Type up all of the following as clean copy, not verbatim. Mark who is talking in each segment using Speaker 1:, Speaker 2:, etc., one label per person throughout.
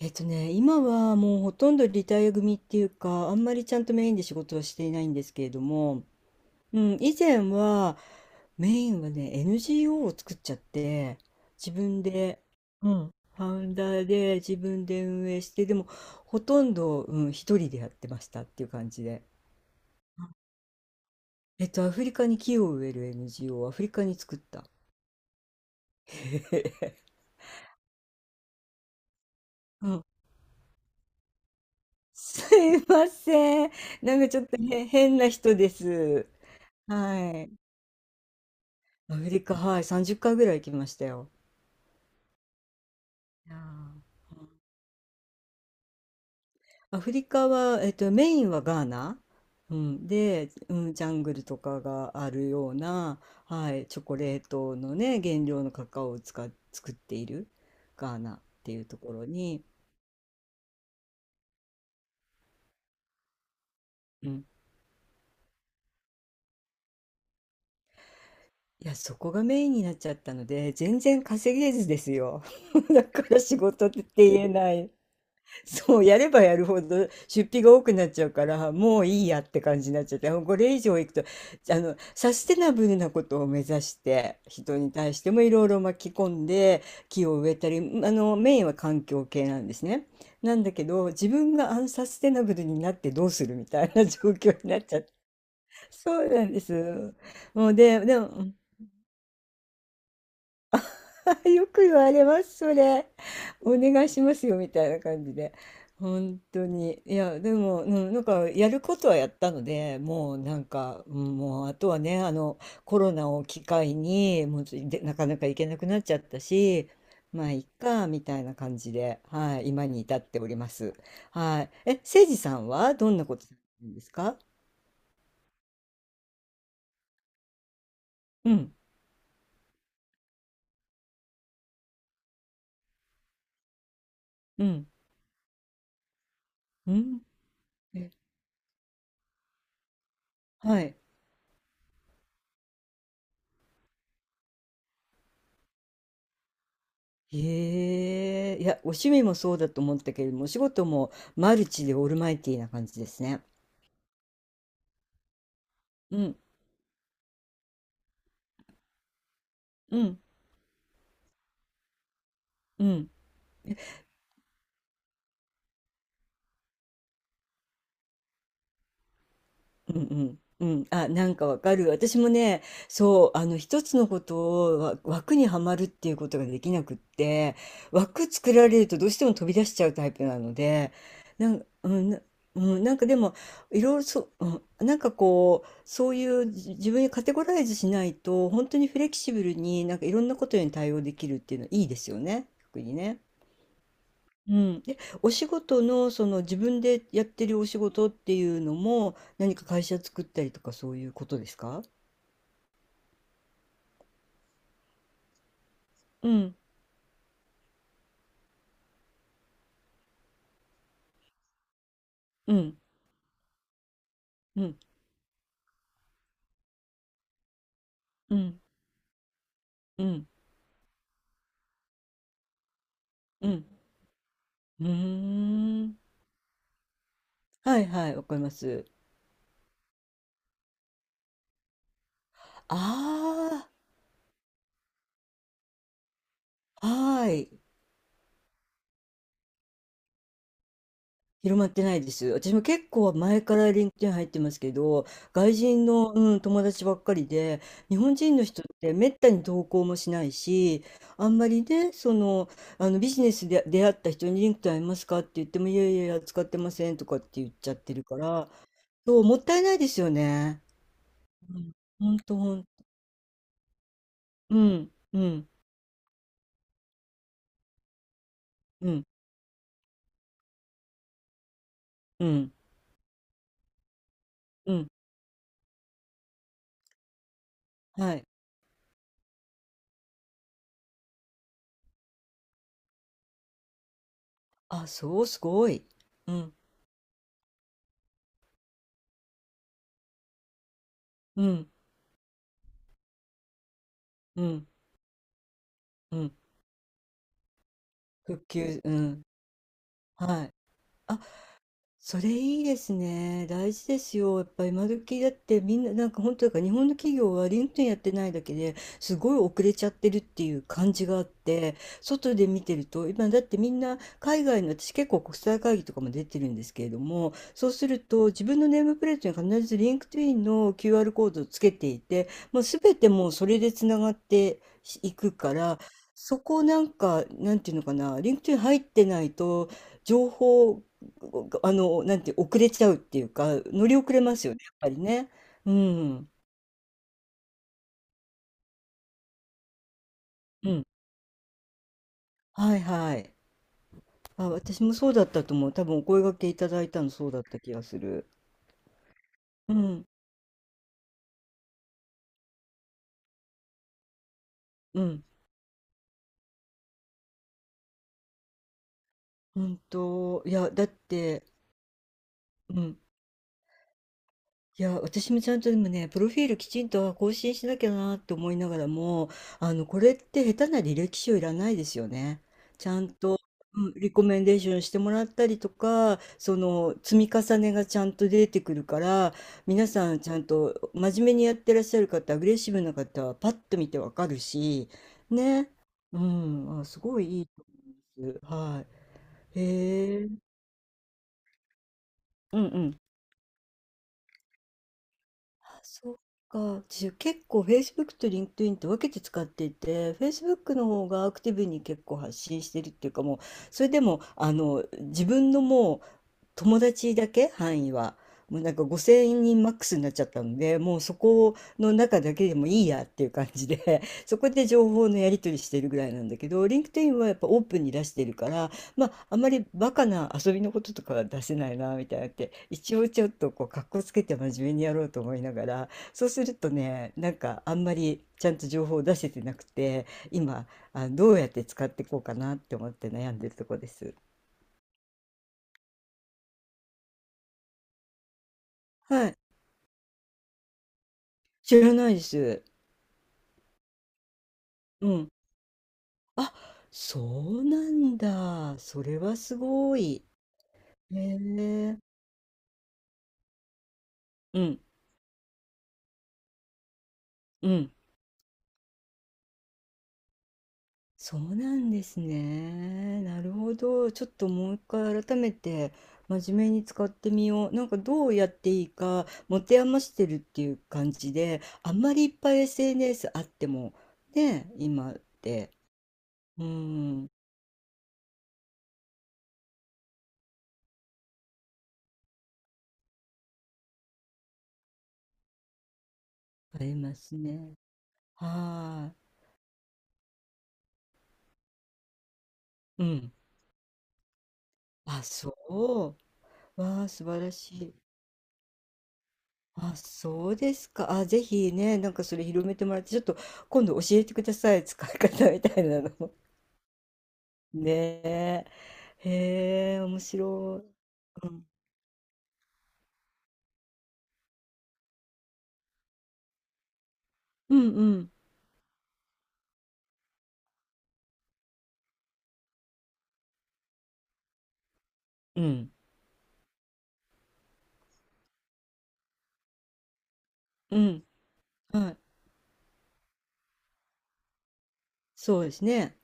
Speaker 1: 今はもうほとんどリタイア組っていうか、あんまりちゃんとメインで仕事はしていないんですけれども、うん、以前はメインはね、NGO を作っちゃって、自分で、うん、ファウンダーで自分で運営して、でもほとんど、うん、一人でやってましたっていう感じで。アフリカに木を植える NGO をアフリカに作った。うん、すいません。なんかちょっと変な人です。はい。アフリカ、はい、30回ぐらい行きましたよ。いやーアフリカは、メインはガーナ、うん、で、うん、ジャングルとかがあるような、はい、チョコレートのね、原料のカカオを使っ、作っているガーナっていうところに、うん、いや、そこがメインになっちゃったので、全然稼げずですよ。だから仕事って言えない。そう、やればやるほど出費が多くなっちゃうから、もういいやって感じになっちゃって、これ以上いくと、サステナブルなことを目指して、人に対してもいろいろ巻き込んで、木を植えたり、メインは環境系なんですね。なんだけど、自分がアンサステナブルになってどうするみたいな状況になっちゃって。そうなんです。もうで、でも、あ、よく言われます、それ。お願いしますよ、みたいな感じで。本当に。いや、でも、うん、なんか、やることはやったので、もう、なんか、うんもう、あとはね、コロナを機会に、もうちょ、で、なかなか行けなくなっちゃったし、まあ、いっか、みたいな感じで、はい、今に至っております。はい。え、せいじさんは、どんなことされてるんですか？うん、うん、うん。え、はい。へえ、いや、お趣味もそうだと思ったけれども、お仕事もマルチでオールマイティーな感じですね。うん、うん、うん。うんうん。うん、あ、なんかわかる。私もね、そう、一つのことを枠にはまるっていうことができなくって、枠作られるとどうしても飛び出しちゃうタイプなので、なんか、うん、なんかでも、いろいろそう、うん、なんかこう、そういう自分にカテゴライズしないと、本当にフレキシブルになんかいろんなことに対応できるっていうのはいいですよね。特にね。うん。え、お仕事のその自分でやってるお仕事っていうのも、何か会社作ったりとかそういうことですか？うん、うん、うん、うん、うん、うん。うーん。はいはい、わかります。ああ、はい。広まってないです。私も結構前からリンクトイン入ってますけど、外人の、うん、友達ばっかりで、日本人の人ってめったに投稿もしないし、あんまりね、その、あのビジネスで出会った人にリンクトインありますかって言っても、いやいやいや、使ってませんとかって言っちゃってるから、そう、もったいないですよね。うん、ほんとほん、うん、うん、うん、うん、はい。あ、そう、すごい。うん、うん、うん、うん、うん、はい。あ、それいいですね。大事ですよ。やっぱ今時だってみんななんか本当だから日本の企業はリンクトインやってないだけですごい遅れちゃってるっていう感じがあって、外で見てると今だってみんな海外の私結構国際会議とかも出てるんですけれども、そうすると自分のネームプレートに必ずリンクトインの QR コードをつけていて、もう全てもうそれでつながっていくから、そこをなんか、なんていうのかな、リンクトイン入ってないと、情報なんて遅れちゃうっていうか、乗り遅れますよね、やっぱりね。うん。うん。はいはい。あ、私もそうだったと思う。多分お声掛けいただいたのそうだった気がする。うん。うん。うんと、いや、だって、うん。いや、私もちゃんとでもね、プロフィールきちんと更新しなきゃなと思いながらも、これって下手な履歴書いらないですよね。ちゃんと、うん、リコメンデーションしてもらったりとか、その積み重ねがちゃんと出てくるから、皆さんちゃんと真面目にやってらっしゃる方、アグレッシブな方はパッと見てわかるし、ね。うん、あ、すごいいいです。はい。へえ。うんうん。そっか。結構 Facebook と LinkedIn って分けて使っていて、Facebook の方がアクティブに結構発信してるっていうかもう、それでも、自分のもう、友達だけ範囲はもうなんか5,000人マックスになっちゃったのでもうそこの中だけでもいいやっていう感じで そこで情報のやり取りしてるぐらいなんだけど LinkedIn はやっぱオープンに出してるからまああんまりバカな遊びのこととかは出せないなみたいなって一応ちょっとこう格好つけて真面目にやろうと思いながらそうするとねなんかあんまりちゃんと情報を出せてなくて今どうやって使っていこうかなって思って悩んでるとこです。はい、知らないです。うん。あ、そうなんだ。それはすごい。へえ。うん、うん。そうなんですね。なるほど。ちょっともう一回改めて真面目に使ってみよう。なんかどうやっていいか持て余してるっていう感じで、あんまりいっぱい SNS あってもね、今って。うん、ありますね。はい。うん。あ、そう。わあ、素晴らしい。あ、そうですか。あ、ぜひね、なんかそれ広めてもらって、ちょっと今度教えてください。使い方みたいなの。ねえ。へえ、面白い。うん。うんうん。うん。うん。はい。そうですね。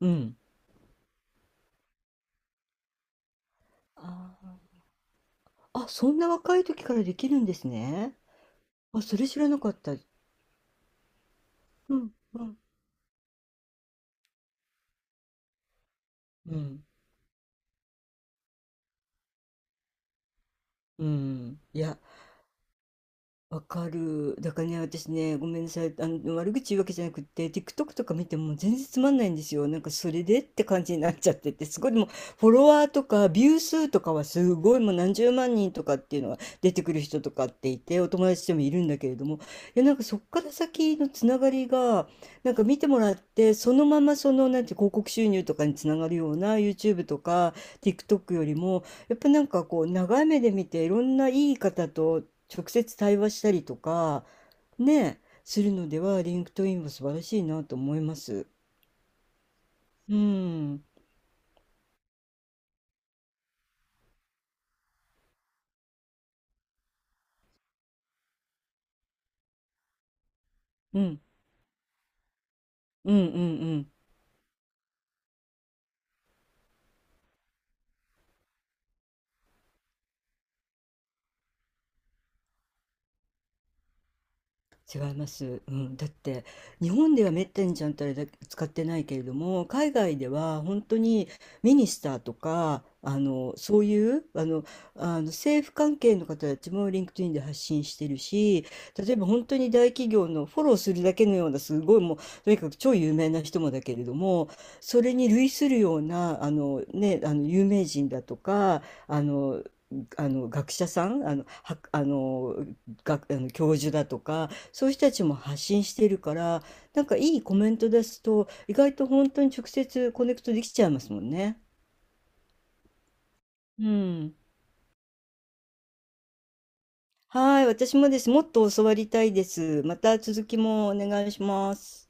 Speaker 1: うん。あー、あ、そんな若い時からできるんですね。あ、それ知らなかった。うん。うん。うん。うん。いや、わかる。だからね、私ね、ごめんなさい。悪口言うわけじゃなくって、TikTok とか見ても全然つまんないんですよ。なんか、それでって感じになっちゃってて、すごい、でも、フォロワーとか、ビュー数とかはすごい、もう何十万人とかっていうのが出てくる人とかっていて、お友達でもいるんだけれども、いや、なんか、そっから先のつながりが、なんか見てもらって、そのまま、その、なんて、広告収入とかにつながるような YouTube とか、TikTok よりも、やっぱなんかこう長い目で見ていろんないい方と直接対話したりとか、ね、するのでは、リンクトインは素晴らしいなと思います。うん。うん。うんうんうん違います、うん、だって日本ではめったにちゃんとあれだ使ってないけれども海外では本当にミニスターとかあのそういうあの、あの政府関係の方たちもリンクトインで発信してるし例えば本当に大企業のフォローするだけのようなすごいもうとにかく超有名な人もだけれどもそれに類するようなね、あの有名人だとかあのあの学者さんあの、はあの、学あの教授だとかそういう人たちも発信してるから、なんかいいコメント出すと、意外と本当に直接コネクトできちゃいますもんね。うん。はい、私もです。もっと教わりたいです。また続きもお願いします。